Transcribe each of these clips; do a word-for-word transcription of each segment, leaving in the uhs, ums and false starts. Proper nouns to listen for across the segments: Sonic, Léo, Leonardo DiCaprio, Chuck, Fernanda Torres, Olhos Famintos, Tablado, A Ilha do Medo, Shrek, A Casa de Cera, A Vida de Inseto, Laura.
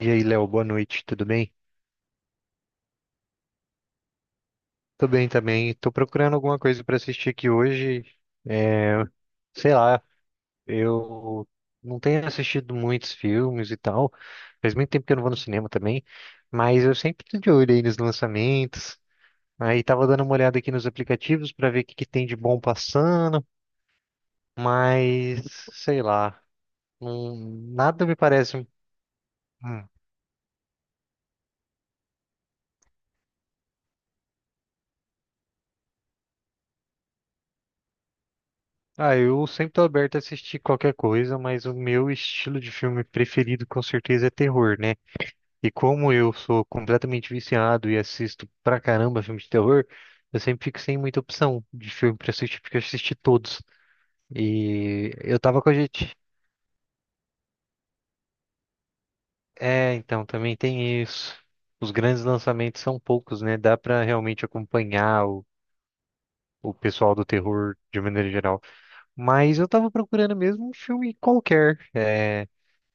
E aí, Léo, boa noite, tudo bem? Tô bem também. Tô procurando alguma coisa pra assistir aqui hoje. É, sei lá, eu não tenho assistido muitos filmes e tal. Faz muito tempo que eu não vou no cinema também, mas eu sempre tô de olho aí nos lançamentos. Aí tava dando uma olhada aqui nos aplicativos pra ver o que que tem de bom passando, mas sei lá, não- nada me parece. Hum. Ah, eu sempre tô aberto a assistir qualquer coisa, mas o meu estilo de filme preferido com certeza é terror, né? E como eu sou completamente viciado e assisto pra caramba filme de terror, eu sempre fico sem muita opção de filme pra assistir, porque eu assisti todos. E eu tava com a gente. É, então, também tem isso. Os grandes lançamentos são poucos, né? Dá pra realmente acompanhar o, o pessoal do terror de maneira geral. Mas eu tava procurando mesmo um filme qualquer. É,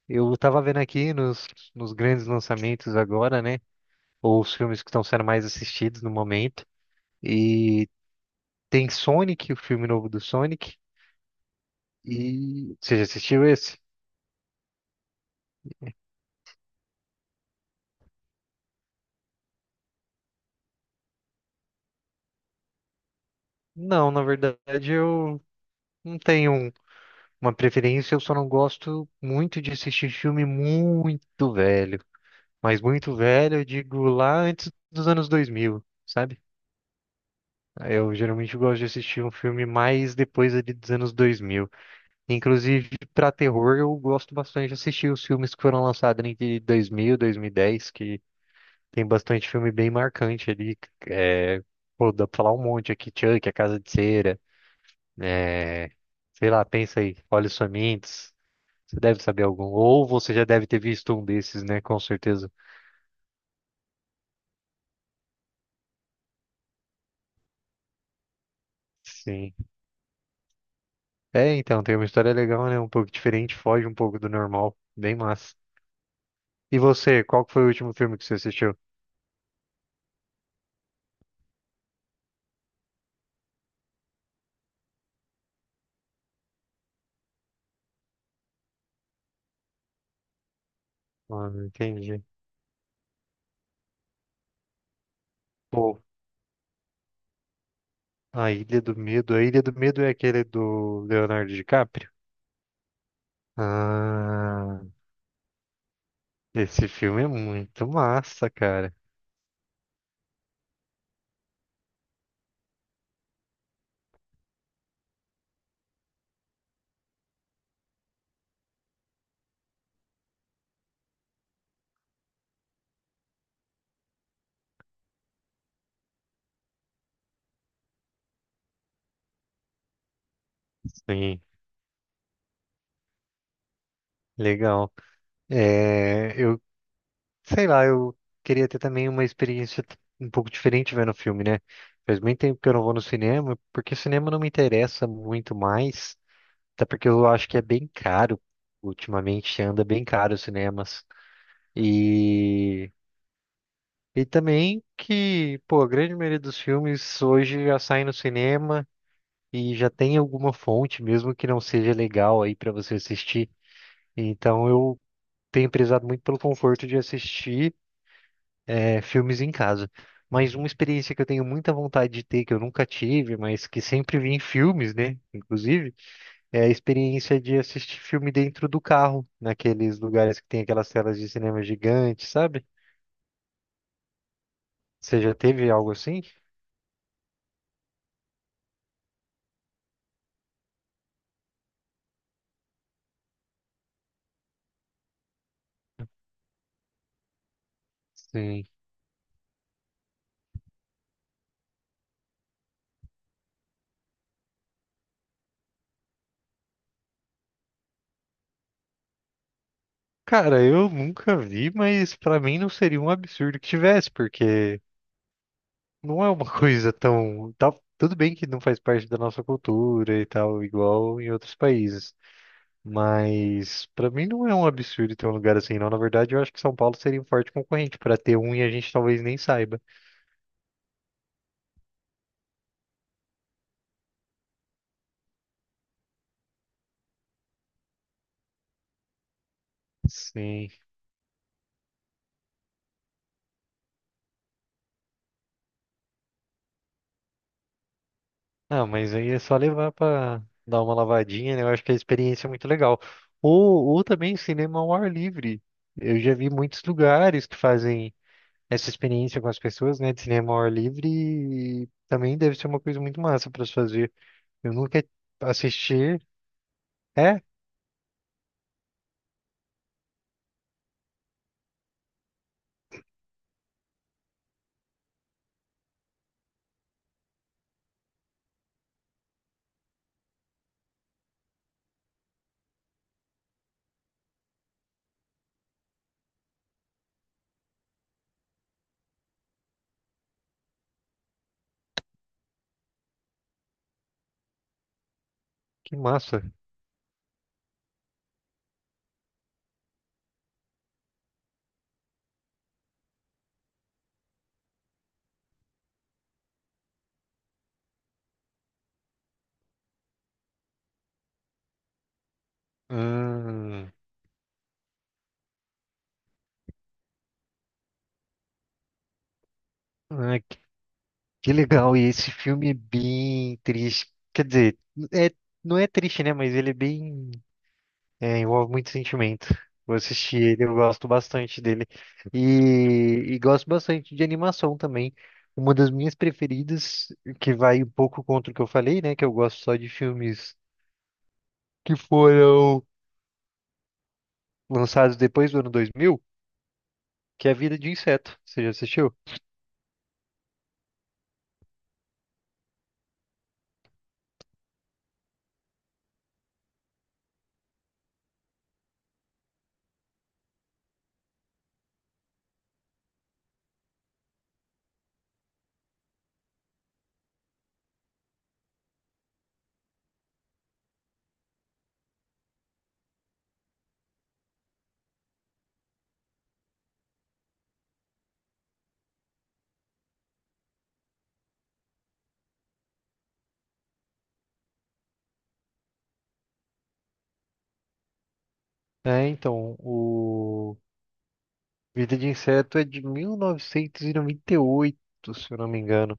eu tava vendo aqui nos, nos grandes lançamentos agora, né? Ou os filmes que estão sendo mais assistidos no momento. E tem Sonic, o filme novo do Sonic. E você já assistiu esse? Não, na verdade eu não tenho um- uma preferência, eu só não gosto muito de assistir filme muito velho. Mas muito velho, eu digo lá antes dos anos dois mil, sabe? Eu geralmente gosto de assistir um filme mais depois ali dos anos dois mil. Inclusive, para terror, eu gosto bastante de assistir os filmes que foram lançados entre dois mil e dois mil e dez, que tem bastante filme bem marcante ali. É, pô, dá pra falar um monte aqui. Chuck, A Casa de Cera. É, sei lá, pensa aí. Olhos Famintos. Você deve saber algum. Ou você já deve ter visto um desses, né? Com certeza. Sim. É, então, tem uma história legal, né? Um pouco diferente, foge um pouco do normal. Bem massa. E você, qual que foi o último filme que você assistiu? Ah, entendi. Pô, A Ilha do Medo. A Ilha do Medo é aquele do Leonardo DiCaprio? Ah. Esse filme é muito massa, cara. Sim, legal. É, eu, sei lá, eu queria ter também uma experiência t- um pouco diferente vendo o filme, né? Faz muito tempo que eu não vou no cinema, porque cinema não me interessa muito mais, até porque eu acho que é bem caro. Ultimamente anda bem caro os cinemas. E, e também que, pô, a grande maioria dos filmes hoje já saem no cinema e já tem alguma fonte, mesmo que não seja legal aí pra você assistir. Então eu tenho prezado muito pelo conforto de assistir eh, filmes em casa. Mas uma experiência que eu tenho muita vontade de ter, que eu nunca tive, mas que sempre vi em filmes, né? Inclusive, é a experiência de assistir filme dentro do carro, naqueles lugares que tem aquelas telas de cinema gigantes, sabe? Você já teve algo assim? Sim. Cara, eu nunca vi, mas pra mim não seria um absurdo que tivesse, porque não é uma coisa tão. tá- tudo bem que não faz parte da nossa cultura e tal, igual em outros países. Mas pra mim não é um absurdo ter um lugar assim, não. Na verdade, eu acho que São Paulo seria um forte concorrente pra ter um e a gente talvez nem saiba. Sim. Ah, mas aí é só levar pra dar uma lavadinha, né? Eu acho que a experiência é muito legal. Ou, ou também cinema ao ar livre. Eu já vi muitos lugares que fazem essa experiência com as pessoas, né? De cinema ao ar livre e também deve ser uma coisa muito massa para se fazer. Eu nunca assisti. É? Que massa. Hum, ah, que que legal. E esse filme é bem triste. Quer dizer, é, não é triste, né? Mas ele é bem. É, envolve muito sentimento. Vou assistir ele, eu gosto bastante dele. E, e gosto bastante de animação também. Uma das minhas preferidas, que vai um pouco contra o que eu falei, né? Que eu gosto só de filmes que foram lançados depois do ano dois mil, que é A Vida de Inseto. Você já assistiu? É, então, o Vida de Inseto é de mil novecentos e noventa e oito, se eu não me engano.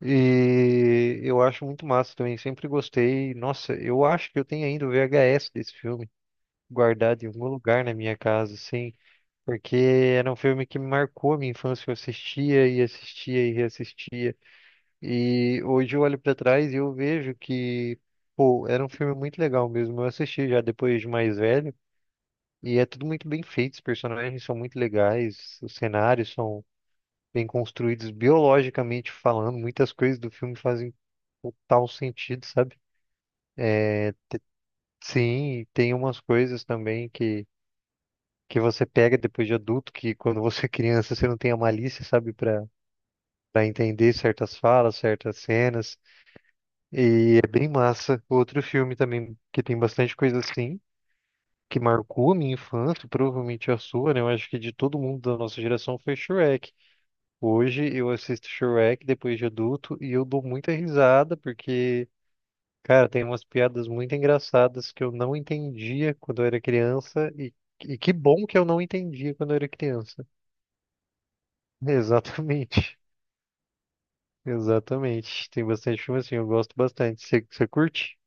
E eu acho muito massa também, sempre gostei. Nossa, eu acho que eu tenho ainda o V H S desse filme guardado em algum lugar na minha casa, assim, porque era um filme que me marcou a minha infância, eu assistia e assistia e reassistia. E hoje eu olho pra trás e eu vejo que, pô, era um filme muito legal mesmo. Eu assisti já depois de mais velho. E é tudo muito bem feito, os personagens são muito legais, os cenários são bem construídos biologicamente falando, muitas coisas do filme fazem total sentido, sabe? É, sim, e tem umas coisas também que, que você pega depois de adulto, que quando você é criança você não tem a malícia, sabe, para para entender certas falas, certas cenas. E é bem massa. Outro filme também que tem bastante coisa assim, que marcou a minha infância, provavelmente a sua, né? Eu acho que de todo mundo da nossa geração foi Shrek. Hoje eu assisto Shrek depois de adulto e eu dou muita risada porque, cara, tem umas piadas muito engraçadas que eu não entendia quando eu era criança e, e que bom que eu não entendia quando eu era criança. Exatamente, exatamente. Tem bastante filme assim, eu gosto bastante. Você você curte?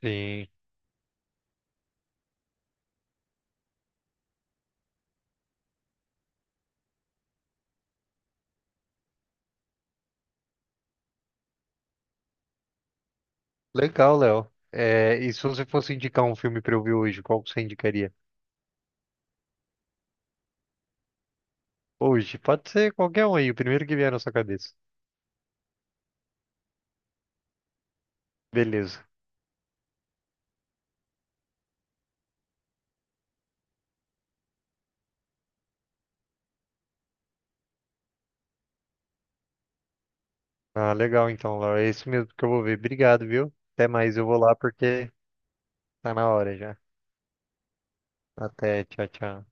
Sim. Legal, Léo. É, e se você fosse indicar um filme pra eu ver hoje, qual que você indicaria? Hoje, pode ser qualquer um aí, o primeiro que vier na sua cabeça. Beleza. Ah, legal então, Laura. É isso mesmo que eu vou ver. Obrigado, viu? Até mais, eu vou lá porque tá na hora já. Até, tchau, tchau.